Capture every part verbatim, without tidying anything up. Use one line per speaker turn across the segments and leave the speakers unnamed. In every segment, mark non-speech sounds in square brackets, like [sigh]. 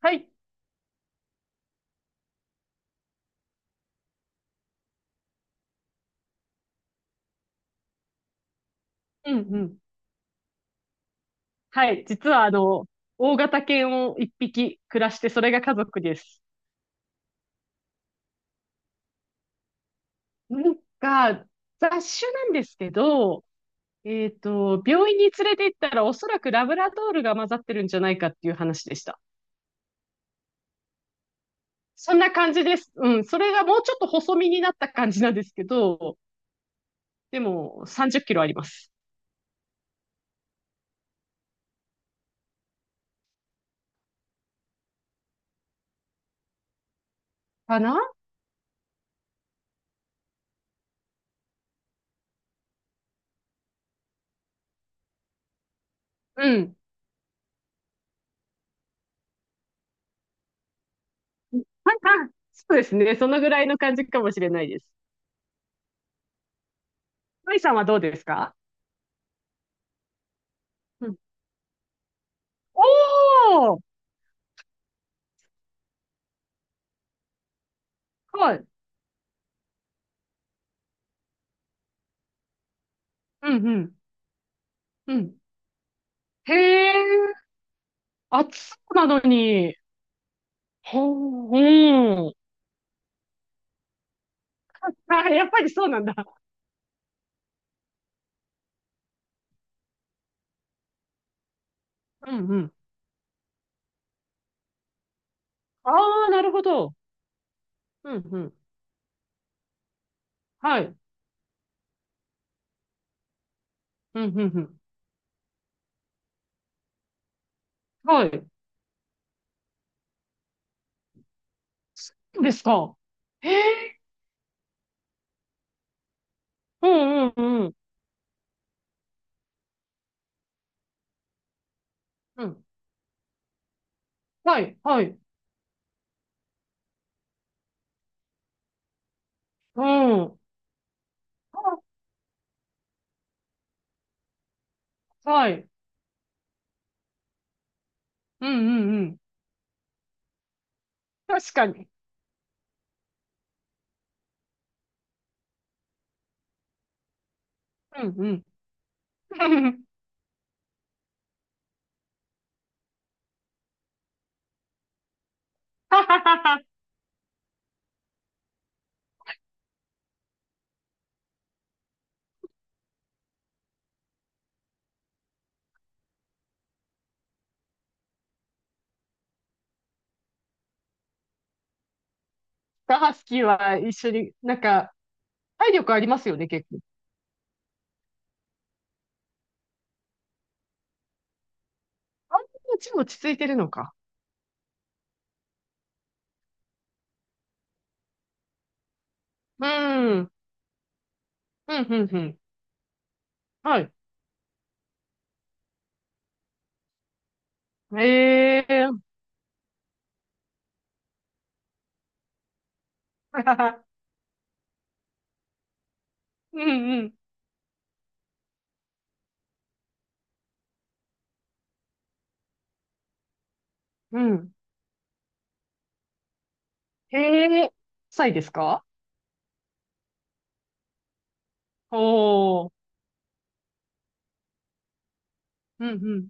はい。うんうん。はい。実は、あの、大型犬を一匹暮らして、それが家族です。なんか、雑種なんですけど、えっと、病院に連れて行ったら、おそらくラブラドールが混ざってるんじゃないかっていう話でした。そんな感じです。うん。それがもうちょっと細身になった感じなんですけど、でも、さんじゅっキロあります。かなうん。はいはい。そうですね。そのぐらいの感じかもしれないです。マイさんはどうですか？うん。おー。はい。うんうん。うん。へえ、暑そうなのに。ほう、うん。あ、やっぱりそうなんだ。うんうん。ああ、なるほど。うんうん。はい。うんうんうん。はい。そうですか。へえ、うんうんうん。うん。はい、はい。うん。あ、はい。うんうんうん。確かに。うんうん。[laughs] はははは。ハスキーは一緒に、なんか、体力ありますよね、結構。あんなちも落ち着いてるのか。うん。うん、うん、うん。はい。ええー。 [laughs] うん、うん、うん。へえ、臭いですか？おー。うん、うん。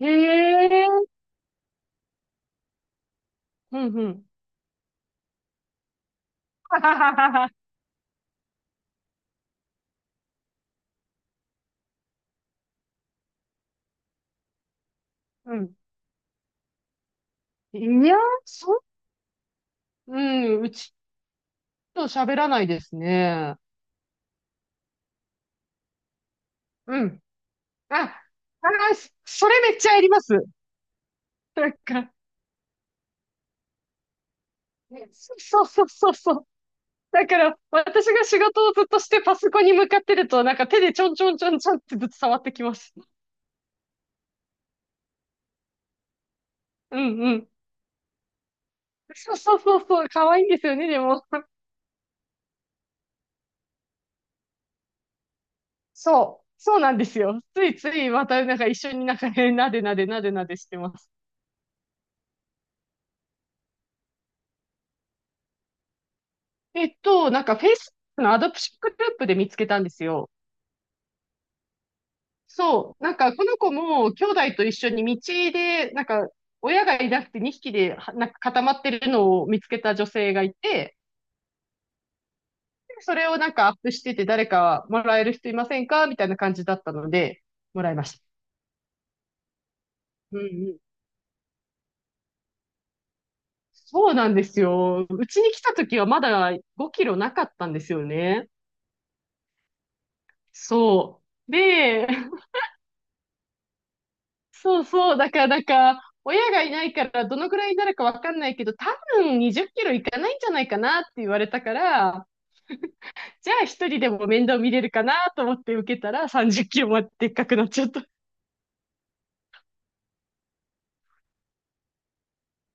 へえ、うん、うん。[laughs] はははは。うん。いや、そ、うん、うちと喋らないですね。うん。あ、あー、そそれめっちゃやります。なんか、ね、そうそうそうそう。だから、私が仕事をずっとしてパソコンに向かってると、なんか手でちょんちょんちょんちょんってずっと触ってきます。うんうん。そうそうそうそう、可愛いんですよね、でも。そう、そうなんですよ。ついついまたなんか一緒になんかね、なでなでなでなでしてます。えっと、なんか フェイスブック のアドプショングループで見つけたんですよ。そう、なんかこの子も兄弟と一緒に道で、なんか親がいなくてにひきではなんか固まってるのを見つけた女性がいて、でそれをなんかアップしてて誰かもらえる人いませんかみたいな感じだったので、もらいました。うん、そうなんですよ。うちに来た時はまだごキロなかったんですよね。そう。で、[laughs] そうそう。だからなんか、親がいないからどのくらいになるかわかんないけど、多分にじゅっキロいかないんじゃないかなって言われたから、じゃあ一人でも面倒見れるかなと思って受けたらさんじゅっキロまででっかくなっちゃった。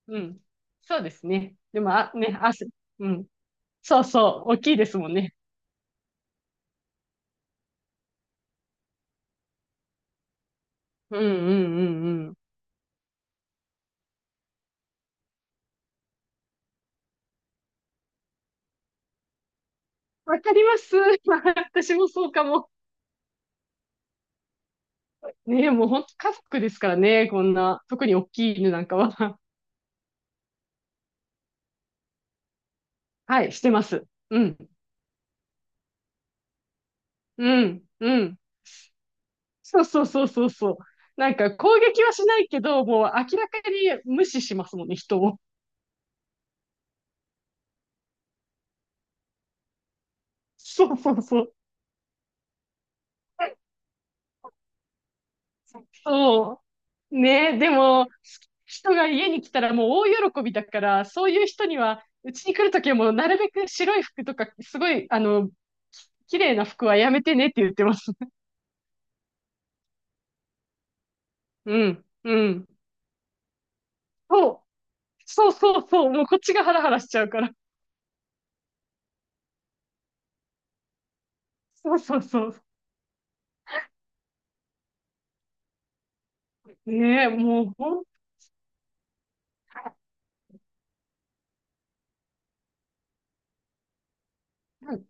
うん。そうですね。でも、あ、ね、汗。うん。そうそう。大きいですもんね。うんうんうんうん。わかります。[laughs] 私もそうかも。ねえ、もう本当家族ですからね、こんな、特に大きい犬なんかは。[laughs] はい、してます。うん、うん、うん。そうそうそうそうそう。なんか攻撃はしないけど、もう明らかに無視しますもんね、人を。[laughs] そうそうそう。そう。ねえ、でも、人が家に来たらもう大喜びだから、そういう人には、うちに来るときはもうなるべく白い服とか、すごい、あの、き綺麗な服はやめてねって言ってます。[laughs] うん、うん。そうそうそうそう、もうこっちがハラハラしちゃうから。そうそうそう。ねえ、もうほん、うん、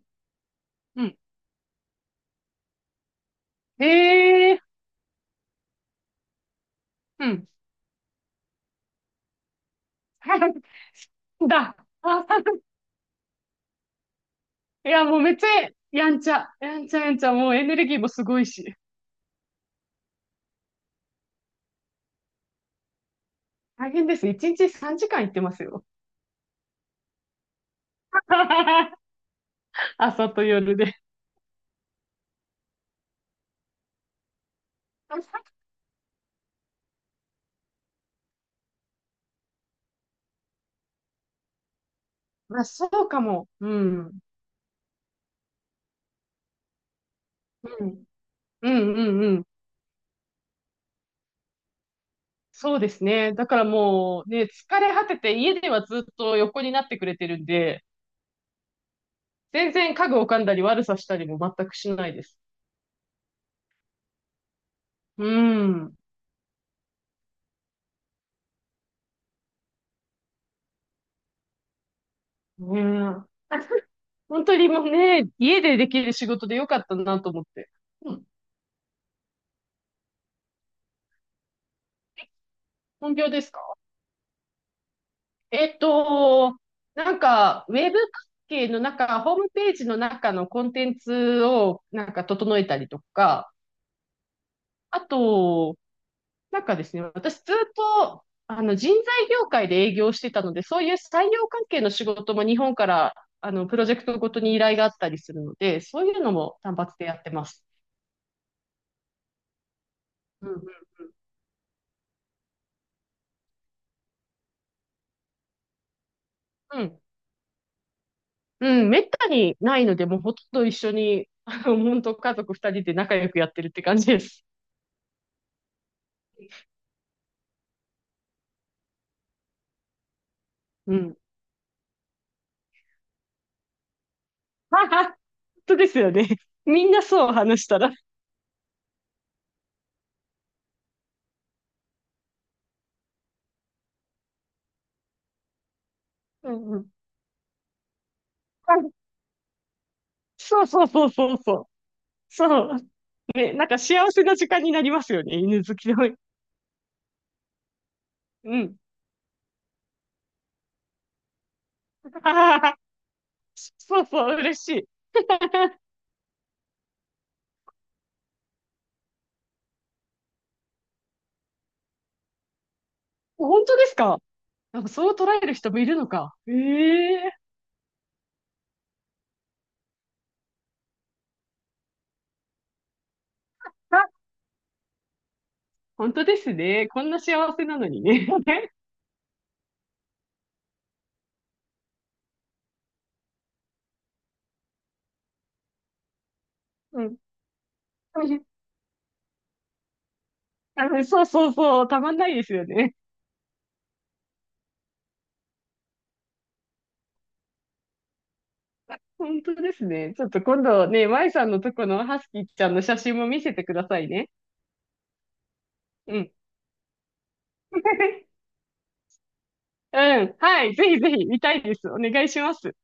うん。ええ、うん。[laughs] だ。あ、いや、もうめっちゃ、やんちゃ、やんちゃやんちゃ、もうエネルギーもすごいし。大変です。一日さんじかん行ってますよ。[laughs] 朝と夜で。[laughs] まあ、そうかも。うん。うん。うんうんうん。そうですね。だからもうね、疲れ果てて家ではずっと横になってくれてるんで、全然家具を噛んだり悪さしたりも全くしないです。うん。ねえ。[laughs] 本当にもうね、家でできる仕事でよかったなと思って。うん。本業ですか？えっと、なんか、ウェブ関係の中、ホームページの中のコンテンツをなんか整えたりとか、あと、なんかですね、私ずっと、あの、人材業界で営業してたので、そういう採用関係の仕事も日本から、あの、プロジェクトごとに依頼があったりするので、そういうのも単発でやってます。うんうん。うん、うん、めったにないので、もうほとんど一緒に、あの、本当家族二人で仲良くやってるって感じです。うん。はは、本当ですよね。みんなそう話したら。うんうん。はい、そうそうそうそうそう。そう。ね、なんか幸せな時間になりますよね、犬好きの。うん。[laughs] ああ、そうそう、嬉しい。本当ですか？なんかそう捉える人もいるのか。ええ、あ、本当ですね。こんな幸せなのにね。[laughs] うん。あそうそうそう、たまんないですよね。本当ですね。ちょっと今度ね、舞さんのとこのハスキーちゃんの写真も見せてくださいね。うん。[laughs] うん。はい。ぜひぜひ見たいです。お願いします。